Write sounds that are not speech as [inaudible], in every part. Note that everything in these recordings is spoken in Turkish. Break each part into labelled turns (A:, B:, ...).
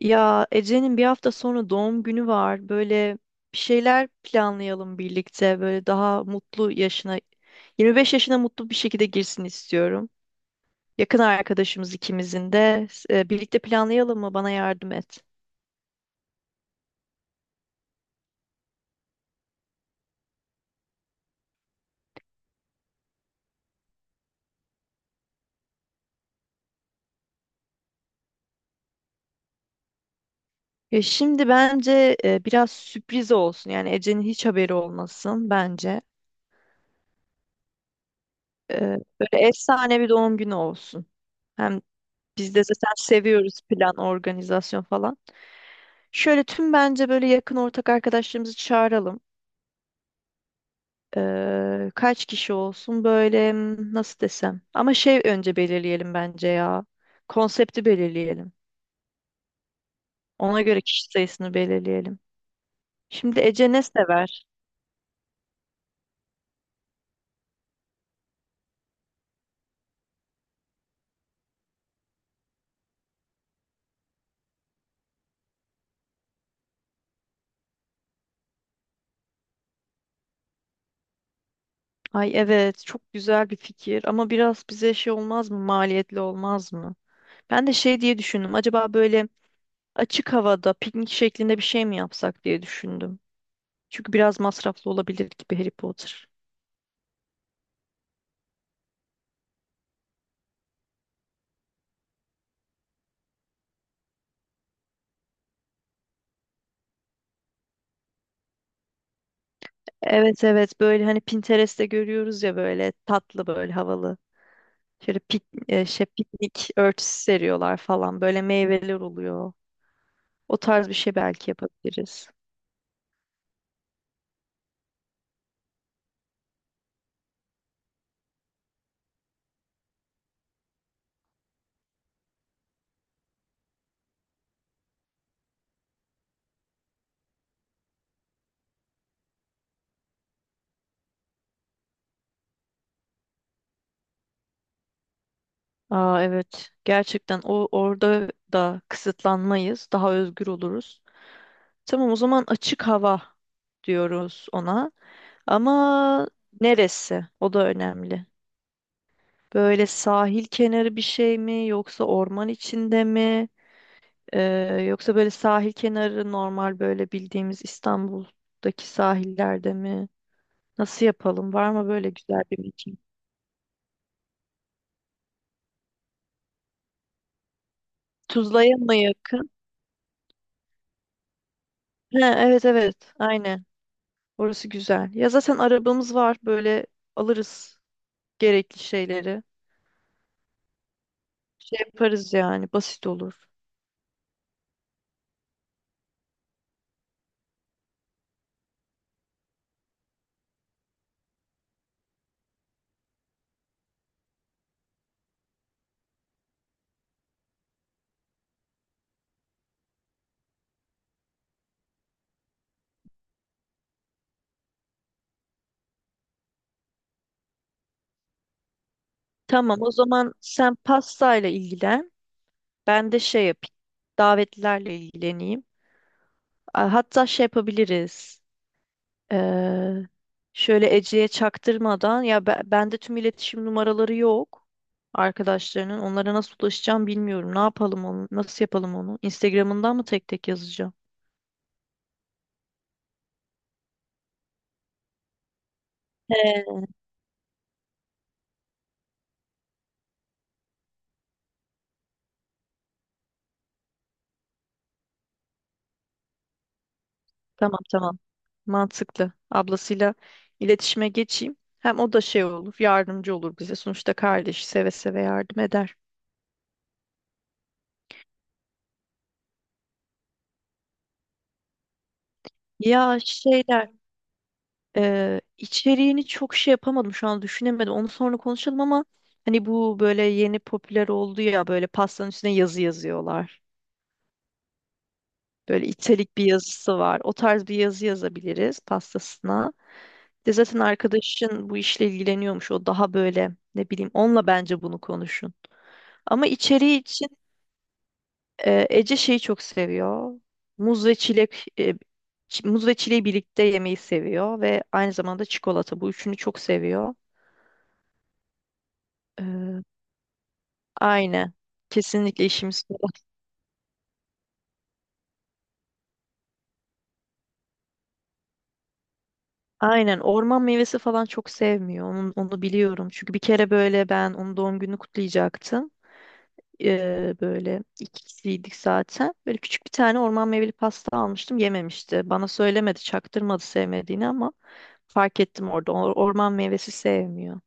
A: Ya Ece'nin bir hafta sonra doğum günü var. Böyle bir şeyler planlayalım birlikte. Böyle daha mutlu yaşına, 25 yaşına mutlu bir şekilde girsin istiyorum. Yakın arkadaşımız ikimizin de. Birlikte planlayalım mı? Bana yardım et. Ya şimdi bence biraz sürpriz olsun. Yani Ece'nin hiç haberi olmasın bence. E, Böyle efsane bir doğum günü olsun. Hem biz de zaten seviyoruz plan, organizasyon falan. Şöyle tüm bence böyle yakın ortak arkadaşlarımızı çağıralım. Kaç kişi olsun böyle nasıl desem. Ama şey önce belirleyelim bence ya. Konsepti belirleyelim. Ona göre kişi sayısını belirleyelim. Şimdi Ece ne sever? Ay evet, çok güzel bir fikir ama biraz bize şey olmaz mı? Maliyetli olmaz mı? Ben de şey diye düşündüm. Acaba böyle açık havada piknik şeklinde bir şey mi yapsak diye düşündüm. Çünkü biraz masraflı olabilir gibi Harry Potter. Evet evet, böyle hani Pinterest'te görüyoruz ya, böyle tatlı, böyle havalı. Şöyle piknik örtüsü seriyorlar falan. Böyle meyveler oluyor. O tarz bir şey belki yapabiliriz. Aa evet. Gerçekten orada da kısıtlanmayız. Daha özgür oluruz. Tamam, o zaman açık hava diyoruz ona. Ama neresi? O da önemli. Böyle sahil kenarı bir şey mi, yoksa orman içinde mi? Ee, yoksa böyle sahil kenarı normal, böyle bildiğimiz İstanbul'daki sahillerde mi? Nasıl yapalım? Var mı böyle güzel bir mekan? Tuzla'ya mı yakın? Ha, evet evet aynen. Orası güzel. Ya zaten arabamız var, böyle alırız gerekli şeyleri. Şey yaparız yani, basit olur. Tamam, o zaman sen pastayla ilgilen. Ben de şey yapayım. Davetlilerle ilgileneyim. Hatta şey yapabiliriz. Ee, şöyle Ece'ye çaktırmadan ya, bende tüm iletişim numaraları yok arkadaşlarının. Onlara nasıl ulaşacağım bilmiyorum. Ne yapalım onu? Nasıl yapalım onu? Instagram'ından mı tek tek yazacağım? He. Tamam tamam. Mantıklı. Ablasıyla iletişime geçeyim. Hem o da şey olur, yardımcı olur bize. Sonuçta kardeş seve seve yardım eder. Ya şeyler içeriğini çok şey yapamadım, şu an düşünemedim. Onu sonra konuşalım ama hani bu böyle yeni popüler oldu ya, böyle pastanın üstüne yazı yazıyorlar. Böyle italik bir yazısı var. O tarz bir yazı yazabiliriz pastasına. Bir de zaten arkadaşın bu işle ilgileniyormuş. O daha böyle, ne bileyim, onunla bence bunu konuşun. Ama içeriği için Ece şeyi çok seviyor. Muz ve çilek, muz ve çileği birlikte yemeyi seviyor ve aynı zamanda çikolata. Bu üçünü çok seviyor. Aynen. Kesinlikle işimiz kolay. Aynen. Orman meyvesi falan çok sevmiyor. Onu biliyorum. Çünkü bir kere böyle ben onun doğum gününü kutlayacaktım. Böyle iki kişiydik zaten. Böyle küçük bir tane orman meyveli pasta almıştım. Yememişti. Bana söylemedi, çaktırmadı sevmediğini ama fark ettim orada. Orman meyvesi sevmiyor.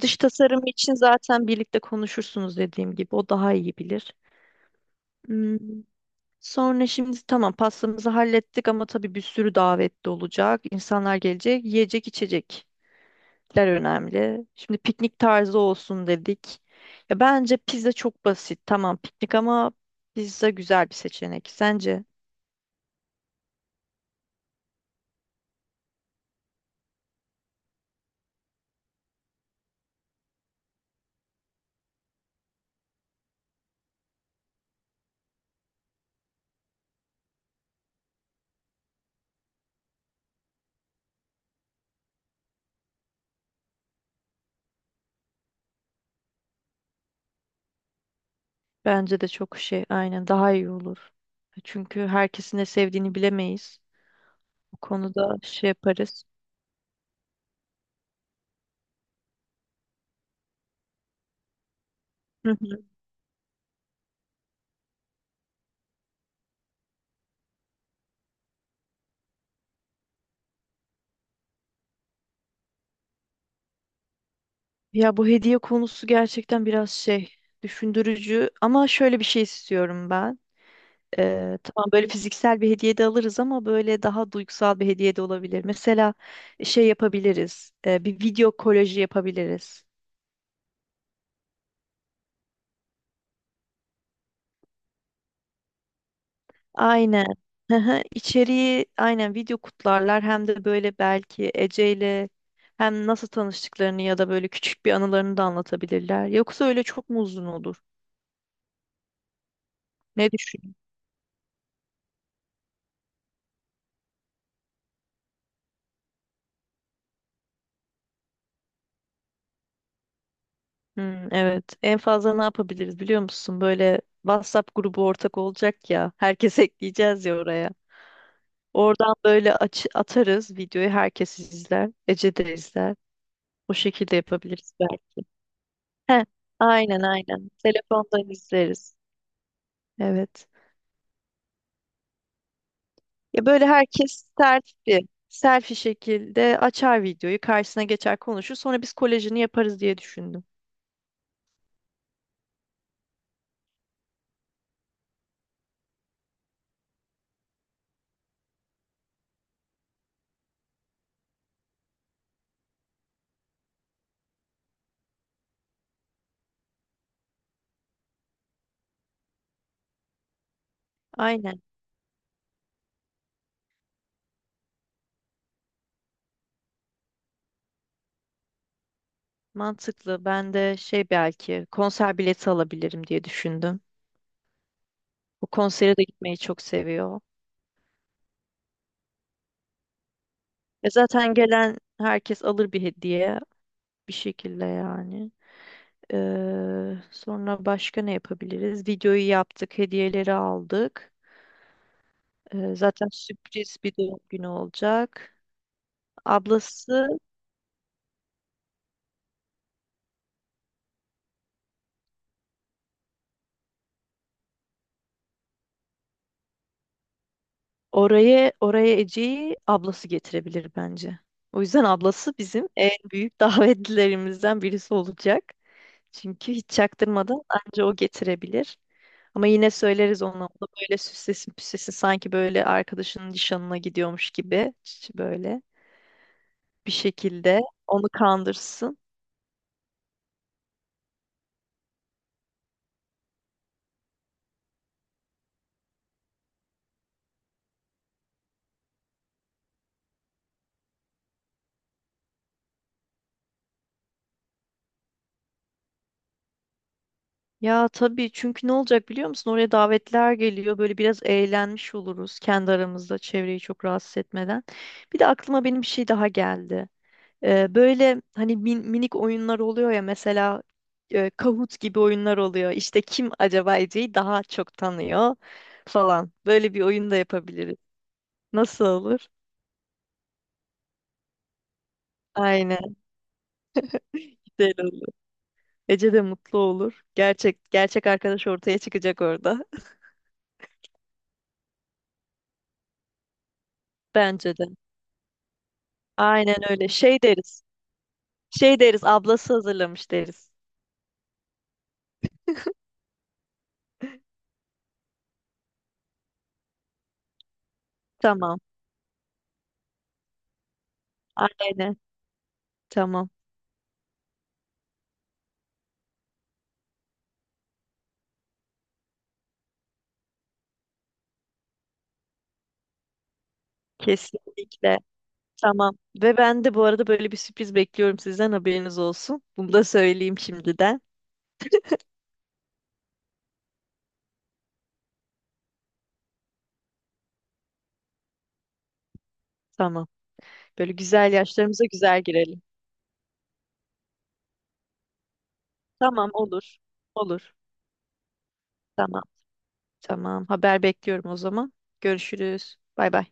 A: Dış tasarım için zaten birlikte konuşursunuz, dediğim gibi. O daha iyi bilir. Hmm. Sonra şimdi tamam, pastamızı hallettik ama tabii bir sürü davetli olacak. İnsanlar gelecek. Yiyecek içecekler önemli. Şimdi piknik tarzı olsun dedik. Ya bence pizza çok basit. Tamam, piknik ama pizza güzel bir seçenek. Sence? Bence de çok şey, aynen, daha iyi olur. Çünkü herkesin ne sevdiğini bilemeyiz. Bu konuda şey yaparız. Hı hı. Ya bu hediye konusu gerçekten biraz şey, düşündürücü ama şöyle bir şey istiyorum ben. Tamam, böyle fiziksel bir hediye de alırız ama böyle daha duygusal bir hediye de olabilir. Mesela şey yapabiliriz. Bir video kolaji yapabiliriz. Aynen. Hı hı, İçeriği aynen video kutlarlar hem de böyle belki Ece ile hem nasıl tanıştıklarını ya da böyle küçük bir anılarını da anlatabilirler. Yoksa öyle çok mu uzun olur? Ne düşünüyorsun? Hmm, evet. En fazla ne yapabiliriz biliyor musun? Böyle WhatsApp grubu ortak olacak ya. Herkes [laughs] ekleyeceğiz ya oraya. Oradan böyle atarız videoyu, herkes izler. Ece de izler. O şekilde yapabiliriz belki. Heh, aynen. Telefondan izleriz. Evet. Ya böyle herkes selfie şekilde açar videoyu, karşısına geçer konuşur. Sonra biz kolejini yaparız diye düşündüm. Aynen. Mantıklı. Ben de şey, belki konser bileti alabilirim diye düşündüm. Bu konsere de gitmeyi çok seviyor. E zaten gelen herkes alır bir hediye bir şekilde yani. Sonra başka ne yapabiliriz? Videoyu yaptık, hediyeleri aldık. Zaten sürpriz bir doğum günü olacak. Ablası oraya Ece'yi ablası getirebilir bence. O yüzden ablası bizim en büyük [laughs] davetlilerimizden birisi olacak. Çünkü hiç çaktırmadan anca o getirebilir. Ama yine söyleriz ona. O da böyle süslesin püslesin sanki böyle arkadaşının nişanına gidiyormuş gibi. Böyle bir şekilde onu kandırsın. Ya tabii, çünkü ne olacak biliyor musun? Oraya davetler geliyor. Böyle biraz eğlenmiş oluruz kendi aramızda, çevreyi çok rahatsız etmeden. Bir de aklıma benim bir şey daha geldi. Böyle hani minik oyunlar oluyor ya, mesela Kahoot gibi oyunlar oluyor. İşte kim acaba Ece'yi daha çok tanıyor falan. Böyle bir oyun da yapabiliriz. Nasıl olur? Aynen, güzel olur. Ece de mutlu olur. Gerçek gerçek arkadaş ortaya çıkacak orada. [laughs] Bence de. Aynen öyle. Şey deriz. Şey deriz, ablası hazırlamış deriz. Tamam. Aynen. Tamam. Kesinlikle. Tamam. Ve ben de bu arada böyle bir sürpriz bekliyorum sizden, haberiniz olsun. Bunu da söyleyeyim şimdiden. Tamam. Böyle güzel yaşlarımıza güzel girelim. Tamam, olur. Olur. Tamam. Tamam. Haber bekliyorum o zaman. Görüşürüz. Bay bay.